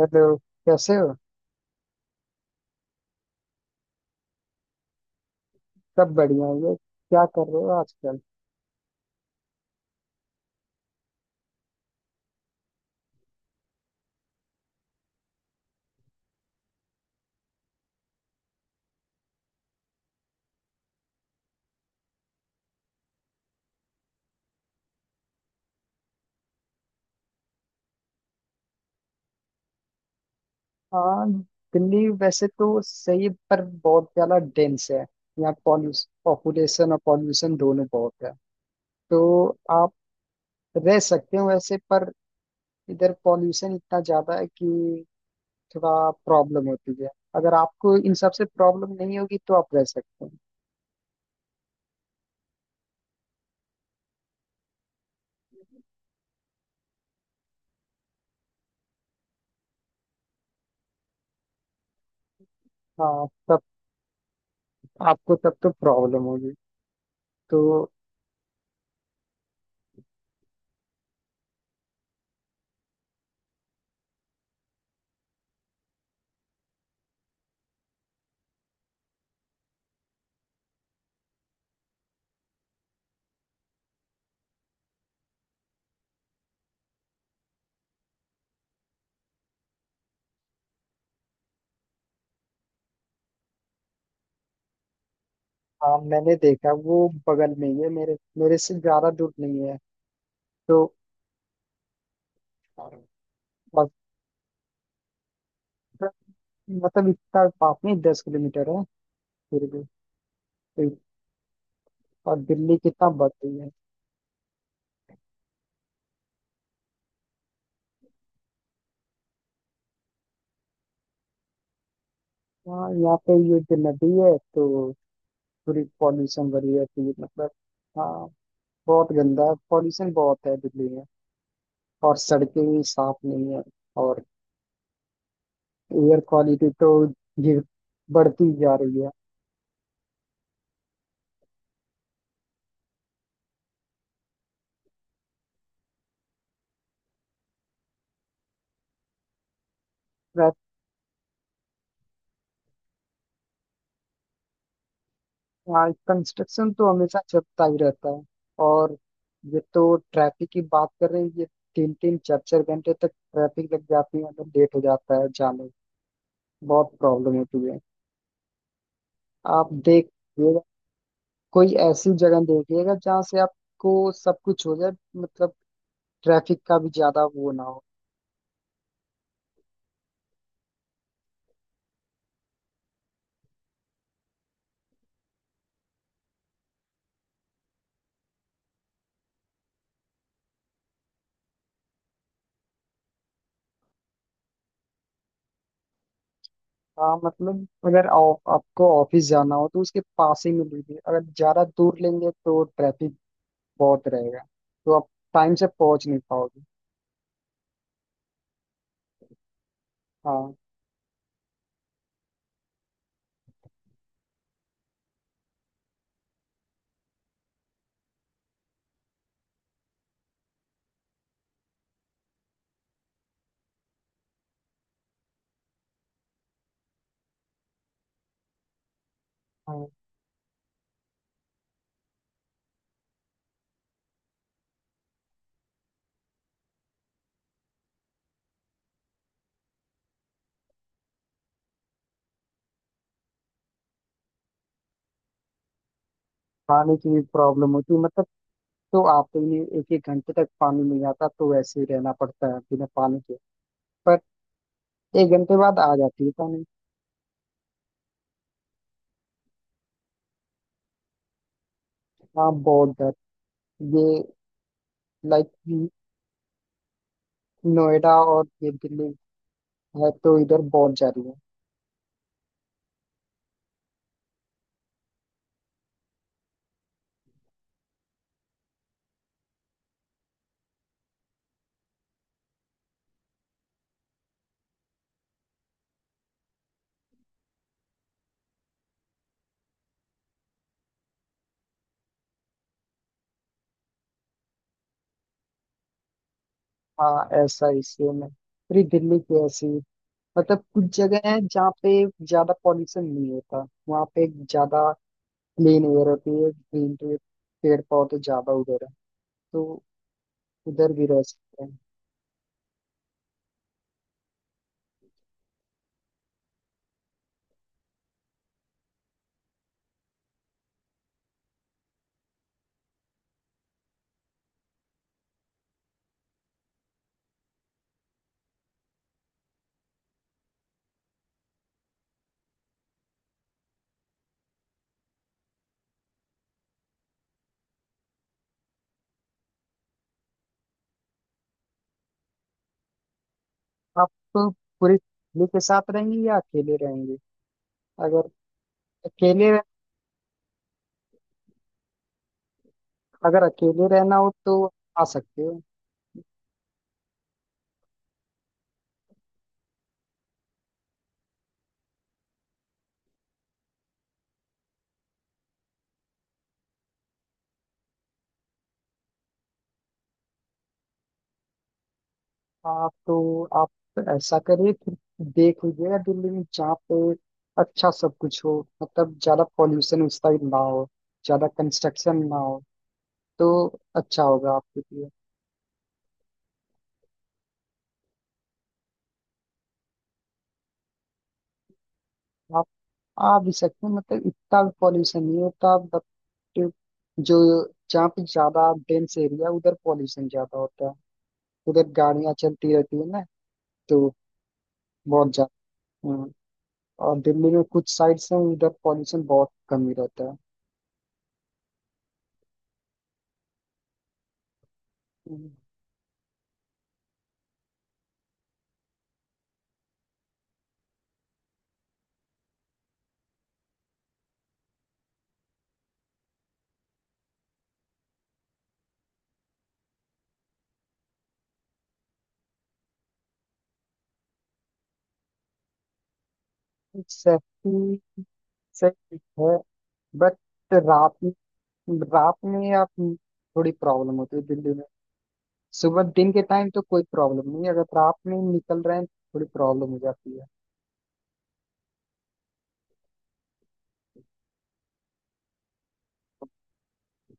Hello. कैसे हो। सब बढ़िया है। ये क्या कर रहे हो आजकल। हाँ, दिल्ली वैसे तो सही है, पर बहुत ज्यादा डेंस है। यहाँ पॉल्यूशन पॉपुलेशन और पॉल्यूशन दोनों बहुत है, तो आप रह सकते हो वैसे, पर इधर पॉल्यूशन इतना ज्यादा है कि थोड़ा प्रॉब्लम होती है। अगर आपको इन सब से प्रॉब्लम नहीं होगी तो आप रह सकते हो। हाँ तब, आपको तब तो प्रॉब्लम होगी तो। हाँ, मैंने देखा वो बगल में ही है, मेरे मेरे से ज्यादा दूर नहीं है। तो और बस- मतलब इसका पापनी 10 किलोमीटर है, फिर भी। तो- और दिल्ली कितना बढ़ रही है। हाँ, यहाँ पे ये जो नदी है तो पूरी पॉल्यूशन भरी रहती है, तो ये मतलब। हाँ, बहुत गंदा है, पॉल्यूशन बहुत है दिल्ली में। और सड़कें भी साफ नहीं है। और एयर क्वालिटी तो ये बढ़ती जा रही है। हाँ, कंस्ट्रक्शन तो हमेशा चलता ही रहता है। और ये तो ट्रैफिक की बात कर रहे हैं ये, तीन तीन चार चार घंटे तक ट्रैफिक लग जाती है, मतलब लेट हो जाता है जाने में। बहुत प्रॉब्लम होती है। आप देखिएगा, कोई ऐसी जगह देखिएगा जहाँ से आपको सब कुछ हो जाए, मतलब ट्रैफिक का भी ज्यादा वो ना हो। हाँ, मतलब अगर आपको ऑफिस जाना हो तो उसके पास ही में लीजिए, अगर ज्यादा दूर लेंगे तो ट्रैफिक बहुत रहेगा, तो आप टाइम से पहुंच नहीं पाओगे। हाँ। हाँ, पानी की भी प्रॉब्लम होती है, मतलब तो आपके लिए एक एक घंटे तक पानी नहीं आता, तो वैसे ही रहना पड़ता है बिना पानी के, पर एक घंटे बाद आ जाती है पानी। हाँ, बहुत दर ये, लाइक नोएडा और ये दिल्ली है तो इधर बहुत जा रही है। हाँ, ऐसा इसलिए में पूरी दिल्ली की ऐसी, मतलब कुछ जगह है जहाँ पे ज्यादा पॉल्यूशन नहीं होता, वहाँ पे ज्यादा प्लेन एयर होती है, ग्रीन पेड़ पौधे ज्यादा उधर है, तो उधर भी रह सकते हैं। आप तो पूरी फैमिली के साथ रहेंगे या अकेले रहेंगे। अगर अकेले अगर अकेले रहना हो तो आ सकते हो। आप तो ऐसा करिए कि देख लीजिएगा दिल्ली में जहाँ पे अच्छा सब कुछ हो, मतलब ज्यादा पॉल्यूशन उस साइड ना हो, ज्यादा कंस्ट्रक्शन ना हो, तो अच्छा होगा आपके लिए। आप आ भी सकते हैं, मतलब इतना भी पॉल्यूशन नहीं होता, बट जो जहाँ पे ज्यादा डेंस एरिया उधर पॉल्यूशन ज्यादा होता है, उधर गाड़ियां चलती रहती है ना, तो बहुत ज्यादा। हाँ, और दिल्ली में कुछ साइड्स हैं उधर पॉल्यूशन बहुत कम ही रहता है। हम्म। सेफ्टी से ठीक है, बट रात में रात में आप, थोड़ी प्रॉब्लम होती है दिल्ली में। सुबह दिन के टाइम तो कोई प्रॉब्लम नहीं है, अगर रात में निकल रहे हैं थोड़ी प्रॉब्लम हो जाती है।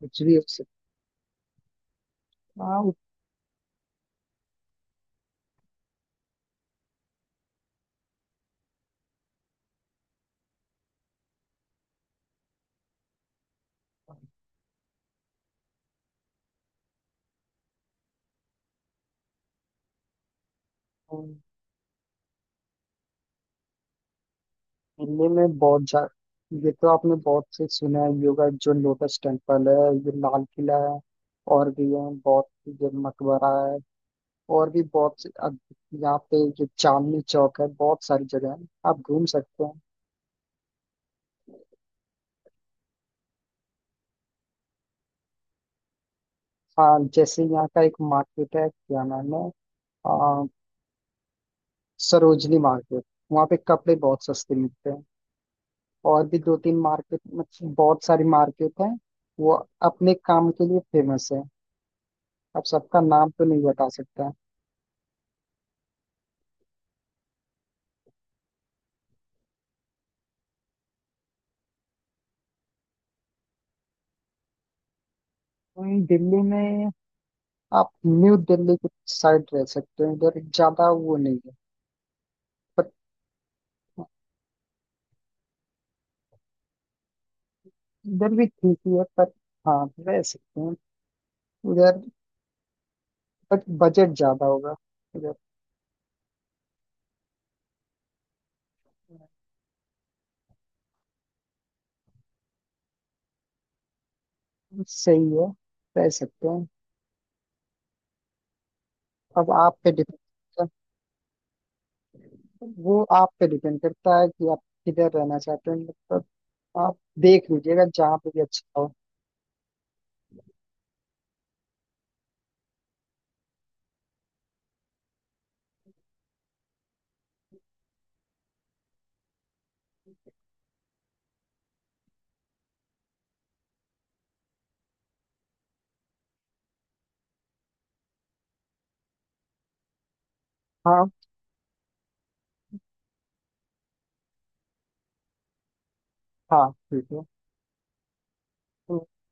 कुछ भी हो सकता है। हाँ, दिल्ली में बहुत जा, ये तो आपने बहुत से सुना है, योगा जो लोटस टेम्पल है, ये लाल किला है, और भी है बहुत, ये मकबरा है, और भी बहुत से। अब यहाँ पे ये चांदनी चौक है, बहुत सारी जगह है आप घूम सकते हैं। हाँ, जैसे यहाँ का एक मार्केट है, क्या नाम है, आ, सरोजनी मार्केट। वहाँ पे कपड़े बहुत सस्ते मिलते हैं। और भी दो तीन मार्केट, मतलब बहुत सारी मार्केट है, वो अपने काम के लिए फेमस है। अब सबका नाम तो नहीं बता सकता। वहीं दिल्ली में आप न्यू दिल्ली की साइड रह सकते हैं, उधर ज्यादा वो नहीं है, पर। इधर भी ठीक ही है, पर, हाँ रह सकते हैं उधर, बट बजट ज्यादा होगा उधर। सही है, रह सकते हैं। अब आप पे डिपेंड करता है, वो आप पे डिपेंड करता है कि आप किधर रहना चाहते हैं, मतलब आप देख लीजिएगा जहाँ पे भी अच्छा हो। हाँ। हाँ ठीक है। तो